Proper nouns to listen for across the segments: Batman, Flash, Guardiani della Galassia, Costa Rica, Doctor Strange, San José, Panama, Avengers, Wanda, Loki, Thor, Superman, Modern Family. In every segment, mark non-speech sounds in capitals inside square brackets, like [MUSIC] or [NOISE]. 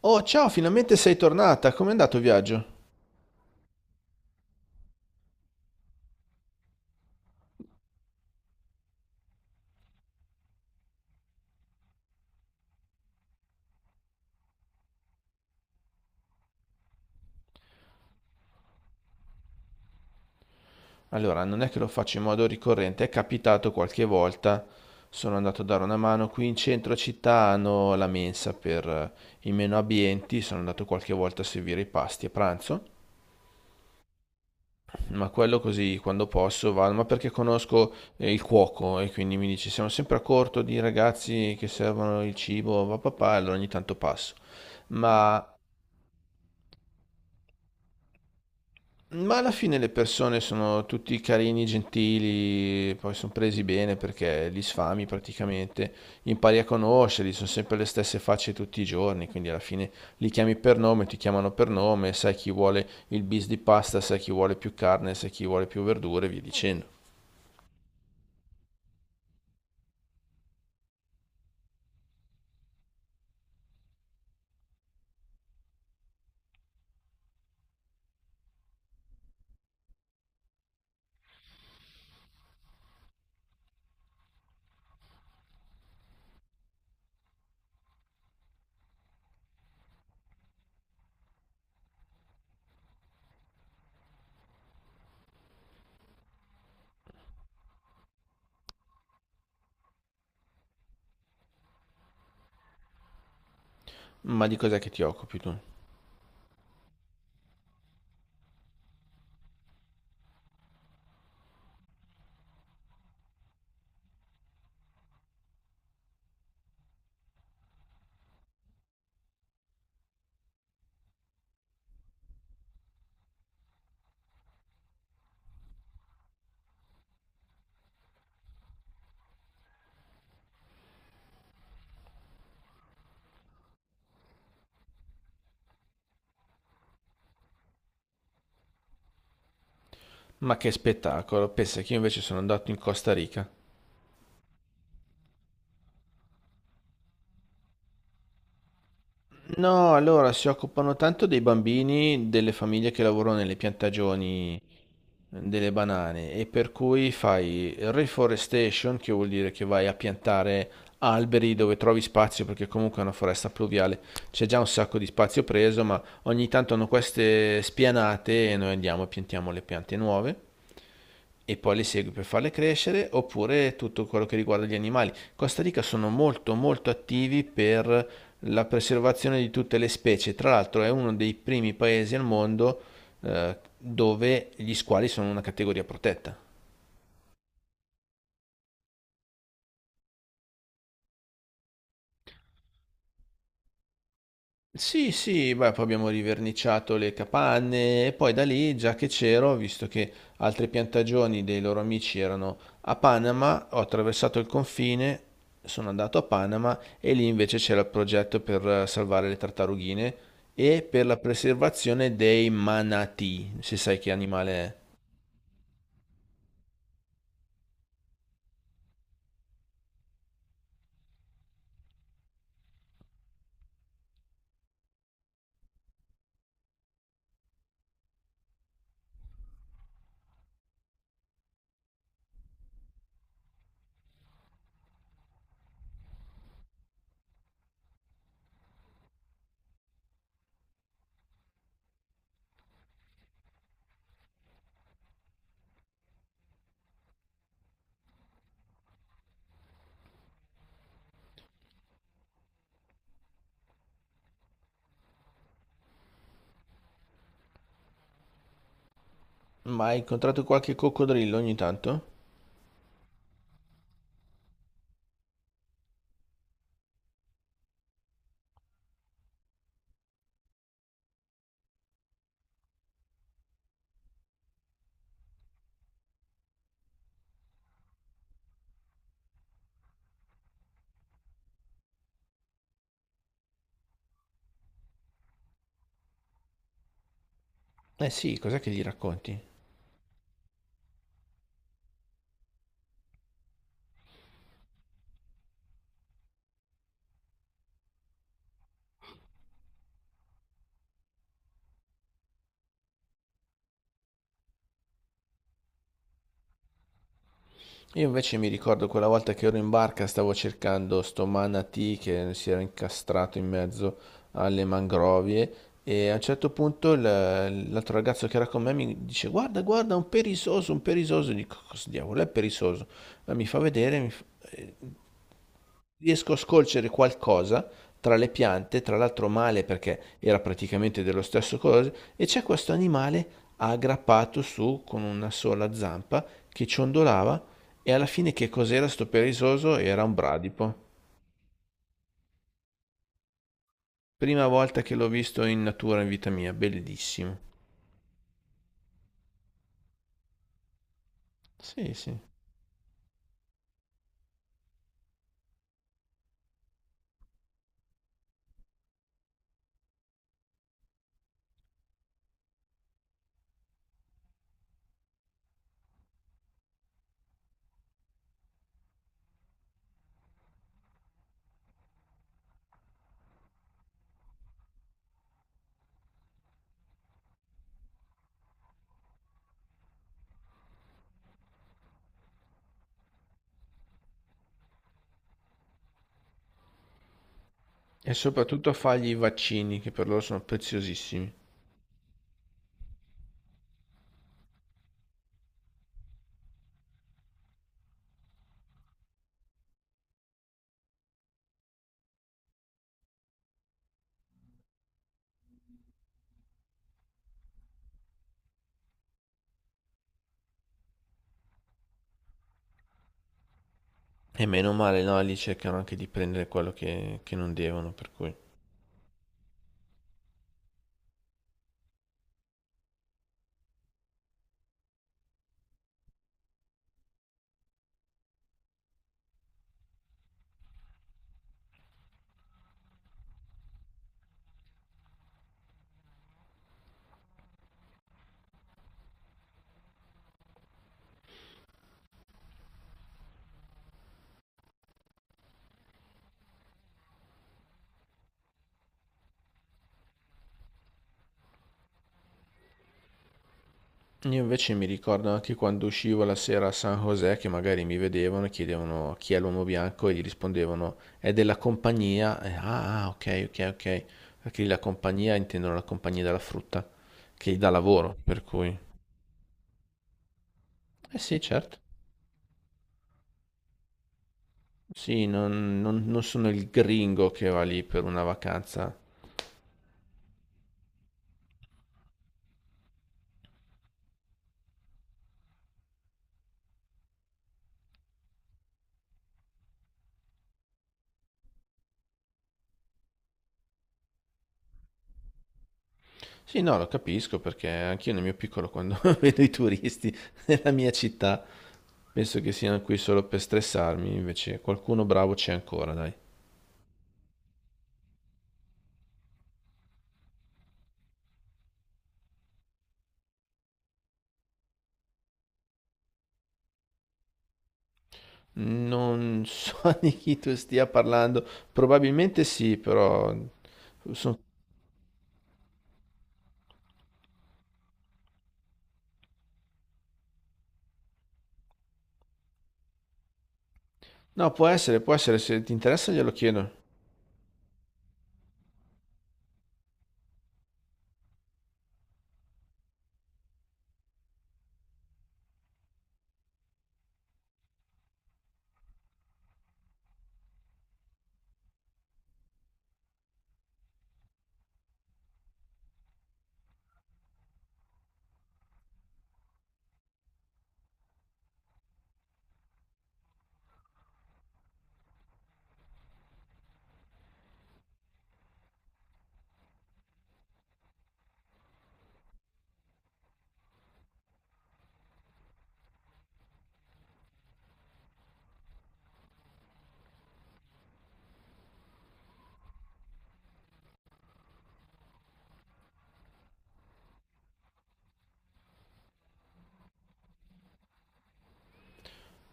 Oh, ciao, finalmente sei tornata. Com'è andato il viaggio? Allora, non è che lo faccio in modo ricorrente, è capitato qualche volta. Sono andato a dare una mano qui in centro città, hanno la mensa per i meno abbienti, sono andato qualche volta a servire i pasti a pranzo, ma quello così quando posso vado, ma perché conosco il cuoco e quindi mi dice siamo sempre a corto di ragazzi che servono il cibo, va papà, allora ogni tanto passo. Ma Ma alla fine le persone sono tutti carini, gentili, poi sono presi bene perché li sfami praticamente, impari a conoscerli, sono sempre le stesse facce tutti i giorni, quindi alla fine li chiami per nome, ti chiamano per nome, sai chi vuole il bis di pasta, sai chi vuole più carne, sai chi vuole più verdure, e via dicendo. Ma di cos'è che ti occupi tu? Ma che spettacolo, pensa che io invece sono andato in Costa Rica. No, allora si occupano tanto dei bambini, delle famiglie che lavorano nelle piantagioni delle banane e per cui fai reforestation, che vuol dire che vai a piantare alberi dove trovi spazio, perché comunque è una foresta pluviale, c'è già un sacco di spazio preso, ma ogni tanto hanno queste spianate e noi andiamo e piantiamo le piante nuove e poi le segui per farle crescere, oppure tutto quello che riguarda gli animali. Costa Rica sono molto molto attivi per la preservazione di tutte le specie, tra l'altro è uno dei primi paesi al mondo dove gli squali sono una categoria protetta. Sì, sì, beh, poi abbiamo riverniciato le capanne e poi da lì, già che c'ero, visto che altre piantagioni dei loro amici erano a Panama, ho attraversato il confine, sono andato a Panama e lì invece c'era il progetto per salvare le tartarughine e per la preservazione dei manatì, se sai che animale è. Ma hai incontrato qualche coccodrillo ogni tanto? Eh sì, cos'è che gli racconti? Io invece mi ricordo quella volta che ero in barca, stavo cercando sto manatee che si era incastrato in mezzo alle mangrovie e a un certo punto l'altro ragazzo che era con me mi dice guarda, guarda, un perisoso, un perisoso. Dico, cosa diavolo è perisoso? Ma mi fa vedere, eh, riesco a scolcere qualcosa tra le piante, tra l'altro male perché era praticamente dello stesso colore, e c'è questo animale aggrappato su con una sola zampa che ciondolava e alla fine che cos'era sto perisoso? Era un bradipo. Prima volta che l'ho visto in natura in vita mia, bellissimo. Sì, sì. E soprattutto a fargli i vaccini che per loro sono preziosissimi. E meno male, no? Lì cercano anche di prendere quello che non devono, per cui... Io invece mi ricordo anche quando uscivo la sera a San José che magari mi vedevano e chiedevano chi è l'uomo bianco e gli rispondevano è della compagnia. E, ah, ah, ok, ok, ok. Perché la compagnia intendono la compagnia della frutta che gli dà lavoro, per cui... Eh sì, certo. Sì, non sono il gringo che va lì per una vacanza. Sì, no, lo capisco perché anch'io nel mio piccolo quando [LAUGHS] vedo i turisti nella mia città penso che siano qui solo per stressarmi, invece qualcuno bravo c'è ancora, dai. Non so [LAUGHS] di chi tu stia parlando, probabilmente sì, però... so- No, può essere, se ti interessa glielo chiedo.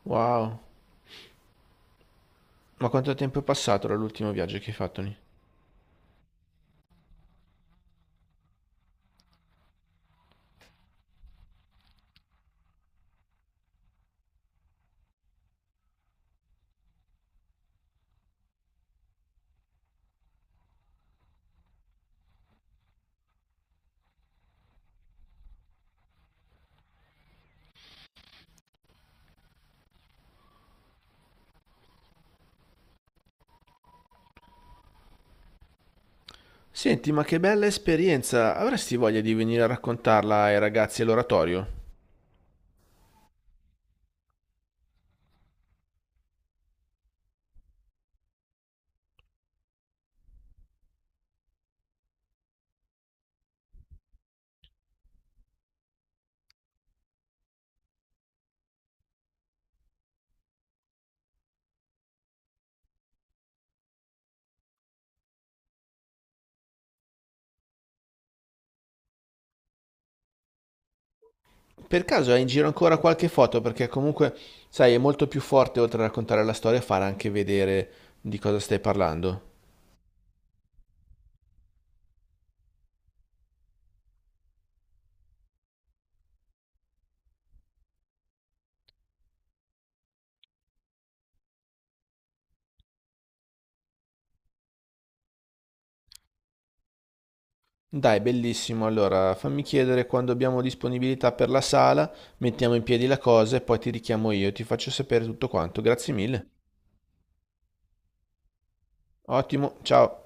Wow, ma quanto tempo è passato dall'ultimo viaggio che hai fatto lì? Senti, ma che bella esperienza! Avresti voglia di venire a raccontarla ai ragazzi all'oratorio? Per caso hai in giro ancora qualche foto? Perché comunque, sai, è molto più forte oltre a raccontare la storia, fare anche vedere di cosa stai parlando. Dai, bellissimo. Allora, fammi chiedere quando abbiamo disponibilità per la sala, mettiamo in piedi la cosa e poi ti richiamo io, ti faccio sapere tutto quanto. Grazie mille. Ottimo, ciao.